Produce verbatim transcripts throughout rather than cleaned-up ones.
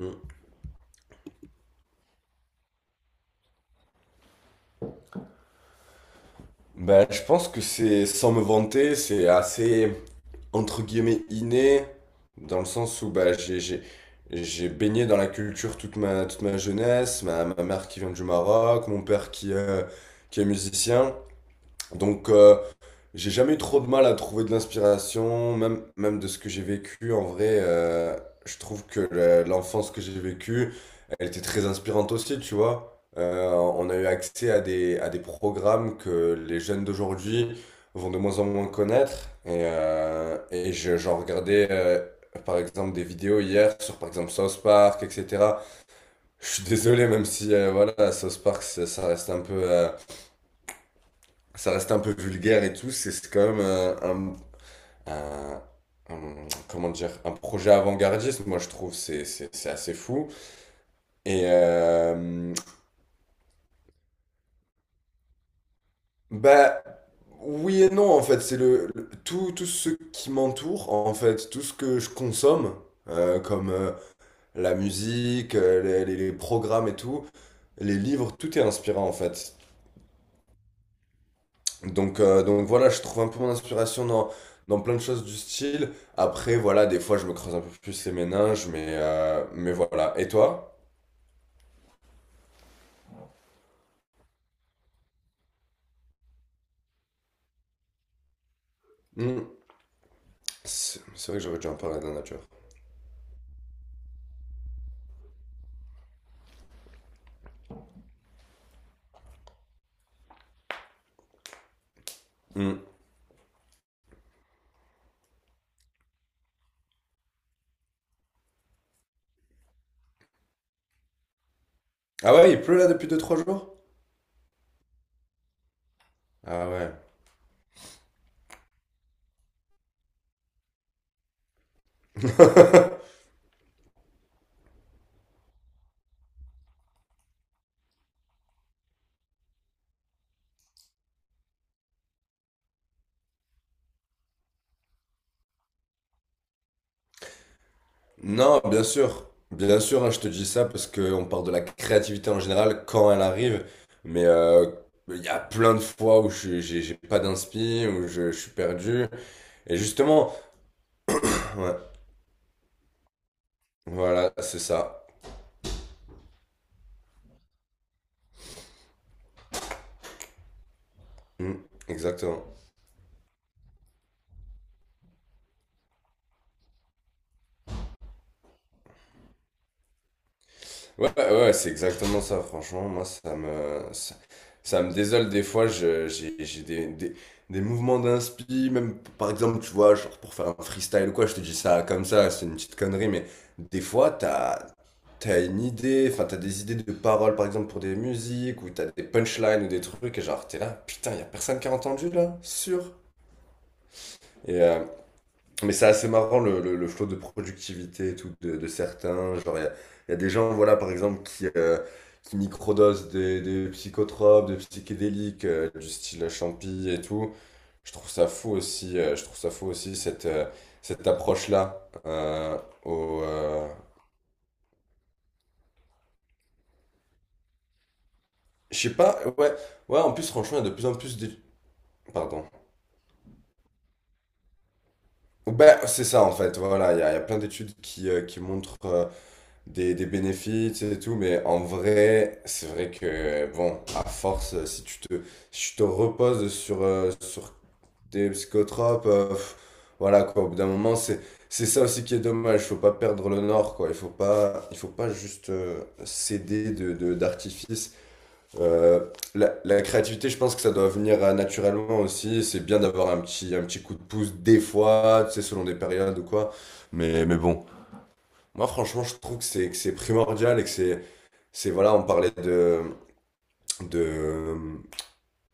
Mm. Ben, je pense que c'est, sans me vanter, c'est assez, entre guillemets, inné, dans le sens où ben, j'ai, j'ai, j'ai baigné dans la culture toute ma, toute ma jeunesse, ma, ma mère qui vient du Maroc, mon père qui, est- qui est musicien. Donc, euh, j'ai jamais eu trop de mal à trouver de l'inspiration, même, même de ce que j'ai vécu. En vrai, euh, je trouve que le- l'enfance que j'ai vécue, elle était très inspirante aussi, tu vois. Euh, on a eu accès à des, à des programmes que les jeunes d'aujourd'hui vont de moins en moins connaître. Et, euh, et je- j'en regardais, euh, par exemple, des vidéos hier sur, par exemple, South Park, et cætera. Je suis désolé, même si, euh, voilà, South Park, ça, ça reste un peu... euh, ça reste un peu vulgaire et tout, c'est c'est quand même euh, un, un, un- comment dire, un projet avant-gardiste, moi je trouve, c'est c'est- c'est assez fou. Et euh, bah oui et non en fait, c'est le, le- tout, tout ce qui m'entoure en fait, tout ce que je consomme, euh, comme euh, la musique, euh, les, les- les programmes et tout, les livres, tout est inspirant en fait. Donc, euh, donc voilà, je trouve un peu mon inspiration dans, dans plein de choses du style. Après, voilà, des fois je me creuse un peu plus les méninges, mais, euh, mais voilà. Et toi? Hmm. C'est c'est vrai que j'aurais dû en parler à la dernière nature. Hmm. Ah ouais, il pleut là depuis deux trois jours? Ah ouais. Non, bien sûr. Bien sûr, hein, je te dis ça parce qu'on parle de la créativité en général quand elle arrive. Mais euh, il y a plein de fois où je suis- j'ai j'ai pas d'inspi, où je, je suis perdu. Et justement, ouais, voilà, c'est ça. Hmm, exactement. Ouais, ouais, c'est exactement ça, franchement. Moi, ça me, ça, ça me désole des fois. je- J'ai j'ai des, des, des mouvements d'inspi, même par exemple, tu vois, genre pour faire un freestyle ou quoi, je te dis ça comme ça, c'est une petite connerie, mais des fois, t'as, t'as une idée, enfin, t'as des idées de paroles, par exemple, pour des musiques, ou t'as des punchlines ou des trucs, et genre, t'es là, putain, y a personne qui a entendu là, sûr. Et, euh, mais c'est assez marrant le, le, le flot de productivité et tout de, de certains. Genre, il y a, il y a des gens, voilà, par exemple, qui, euh, qui microdosent des, des psychotropes, des psychédéliques, euh, du style champi et tout. Je trouve ça fou aussi, euh, je trouve ça fou aussi cette, euh, cette approche-là. euh, au, euh, Je sais pas, ouais, ouais, en plus, franchement, il y a de plus en plus d'études. Pardon. Ben, c'est ça en fait, voilà, il y, a il y a plein d'études qui, euh, qui montrent. euh, des, des bénéfices et tout, mais en vrai, c'est vrai que, bon, à force, euh, si tu te, si tu te reposes sur, euh, sur des psychotropes, euh, pff, voilà, quoi, au bout d'un moment, c'est, c'est ça aussi qui est dommage, il faut pas perdre le nord, quoi, il faut pas, il faut pas juste euh, céder de, de, d'artifice. Euh, la, la créativité, je pense que ça doit venir euh, naturellement aussi, c'est bien d'avoir un petit, un petit coup de pouce des fois, tu sais, selon des périodes ou quoi, mais, mais bon. Moi, franchement, je trouve que c'est que c'est primordial et que c'est c'est voilà, on parlait de de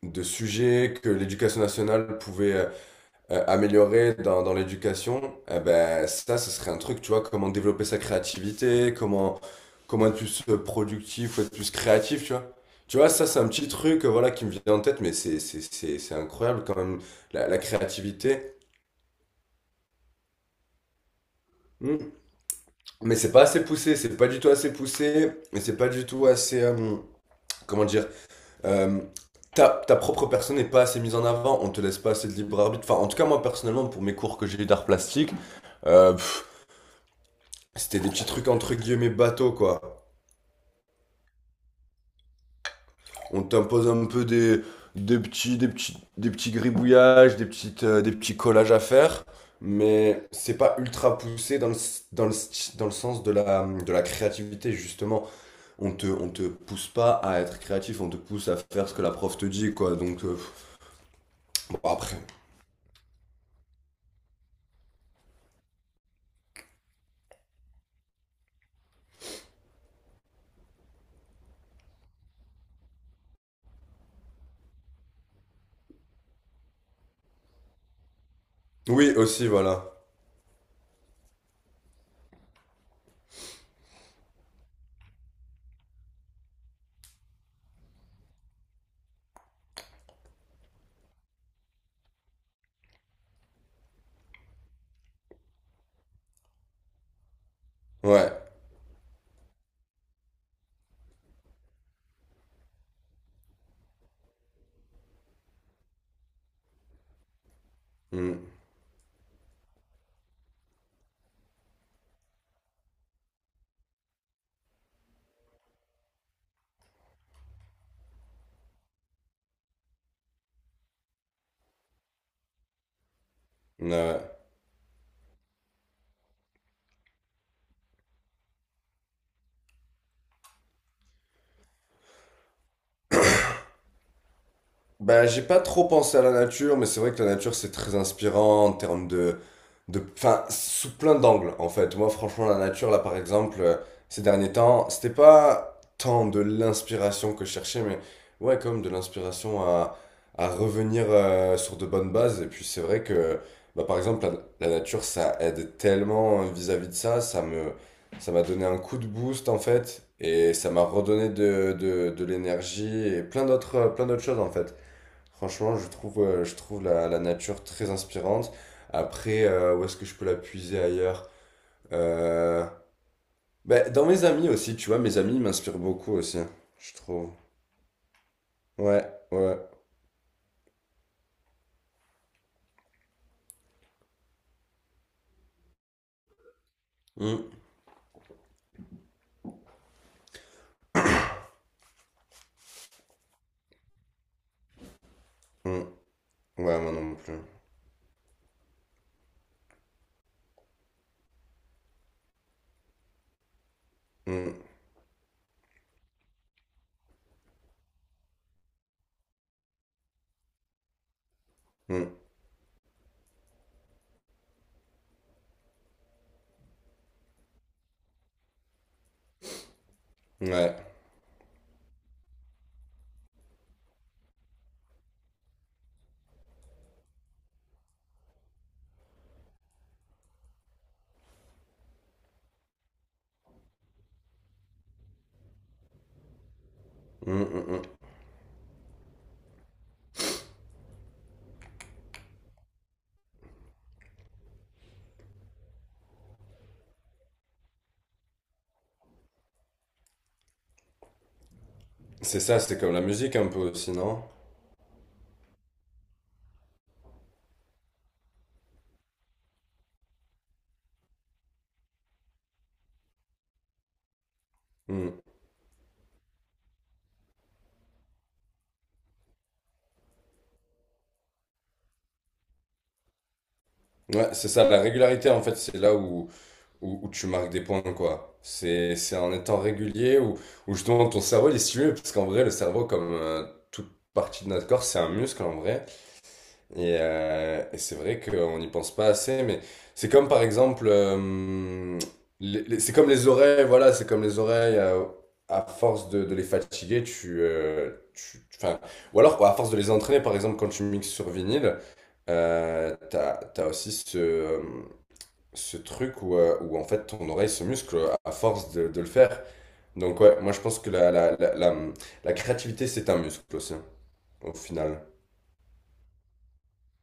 de sujets que l'éducation nationale pouvait euh, euh, améliorer dans dans l'éducation. Eh ben ça, ce serait un truc, tu vois, comment développer sa créativité, comment comment être plus euh, productif, ou être plus créatif, tu vois. Tu vois, ça, c'est un petit truc, euh, voilà, qui me vient en tête, mais c'est c'est c'est c'est incroyable quand même la, la créativité. Hmm. Mais c'est pas assez poussé, c'est pas du tout assez poussé, et c'est pas du tout assez, euh, comment dire euh, ta, ta propre personne n'est pas assez mise en avant, on te laisse pas assez de libre arbitre. Enfin, en tout cas, moi personnellement, pour mes cours que j'ai eu d'art plastique, euh, pff, c'était des petits trucs entre guillemets bateaux, quoi. On t'impose un peu des, des, petits, des, petits, des petits gribouillages, des, petites, euh, des petits collages à faire, mais c'est pas ultra poussé dans le, s- dans le, sti- dans le sens de la, de la créativité, justement. On te, on te pousse pas à être créatif, on te pousse à faire ce que la prof te dit, quoi. Donc, euh, bon, après. Oui, aussi, voilà. Ouais. Mm. Ouais. Bah, j'ai pas trop pensé à la nature, mais c'est vrai que la nature, c'est très inspirant en termes de, de, enfin, sous plein d'angles, en fait. Moi, franchement, la nature, là, par exemple, euh, ces derniers temps, c'était pas tant de l'inspiration que je cherchais, mais ouais, comme de l'inspiration à, à revenir euh, sur de bonnes bases. Et puis, c'est vrai que, bah, par exemple, la, la nature, ça aide tellement euh, vis-à-vis de ça. Ça me, ça m'a donné un coup de boost, en fait, et ça m'a redonné de, de, de l'énergie et plein d'autres, plein d'autres choses, en fait. Franchement, je trouve, euh, je trouve la, la nature très inspirante. Après, euh, où est-ce que je peux la puiser ailleurs? Euh, Bah, dans mes amis aussi, tu vois, mes amis m'inspirent beaucoup aussi, je trouve. Ouais, ouais. Mm, mm. Ouais, moi non plus. Mm, mm. Ouais. Mm, mm, mm. C'est ça, c'est comme la musique un peu aussi, non? Mm. Ouais, c'est ça, la régularité en fait, c'est là où... où, où tu marques des points, quoi. C'est, c'est en étant régulier où, où justement ton cerveau il est stimulé, parce qu'en vrai, le cerveau, comme euh, toute partie de notre corps, c'est un muscle en vrai. Et, euh, et c'est vrai qu'on n'y pense pas assez, mais c'est comme par exemple, euh, les- les- c'est comme les oreilles, voilà, c'est comme les oreilles, euh, à force de, de les fatiguer, tu, euh, tu, tu- 'fin, ou alors à force de les entraîner, par exemple, quand tu mixes sur vinyle, euh, t'as, t'as aussi ce, euh, ce truc où, euh, où en fait ton oreille se muscle à force de, de le faire. Donc ouais, moi je pense que la, la, la, la, la créativité c'est un muscle aussi, au final.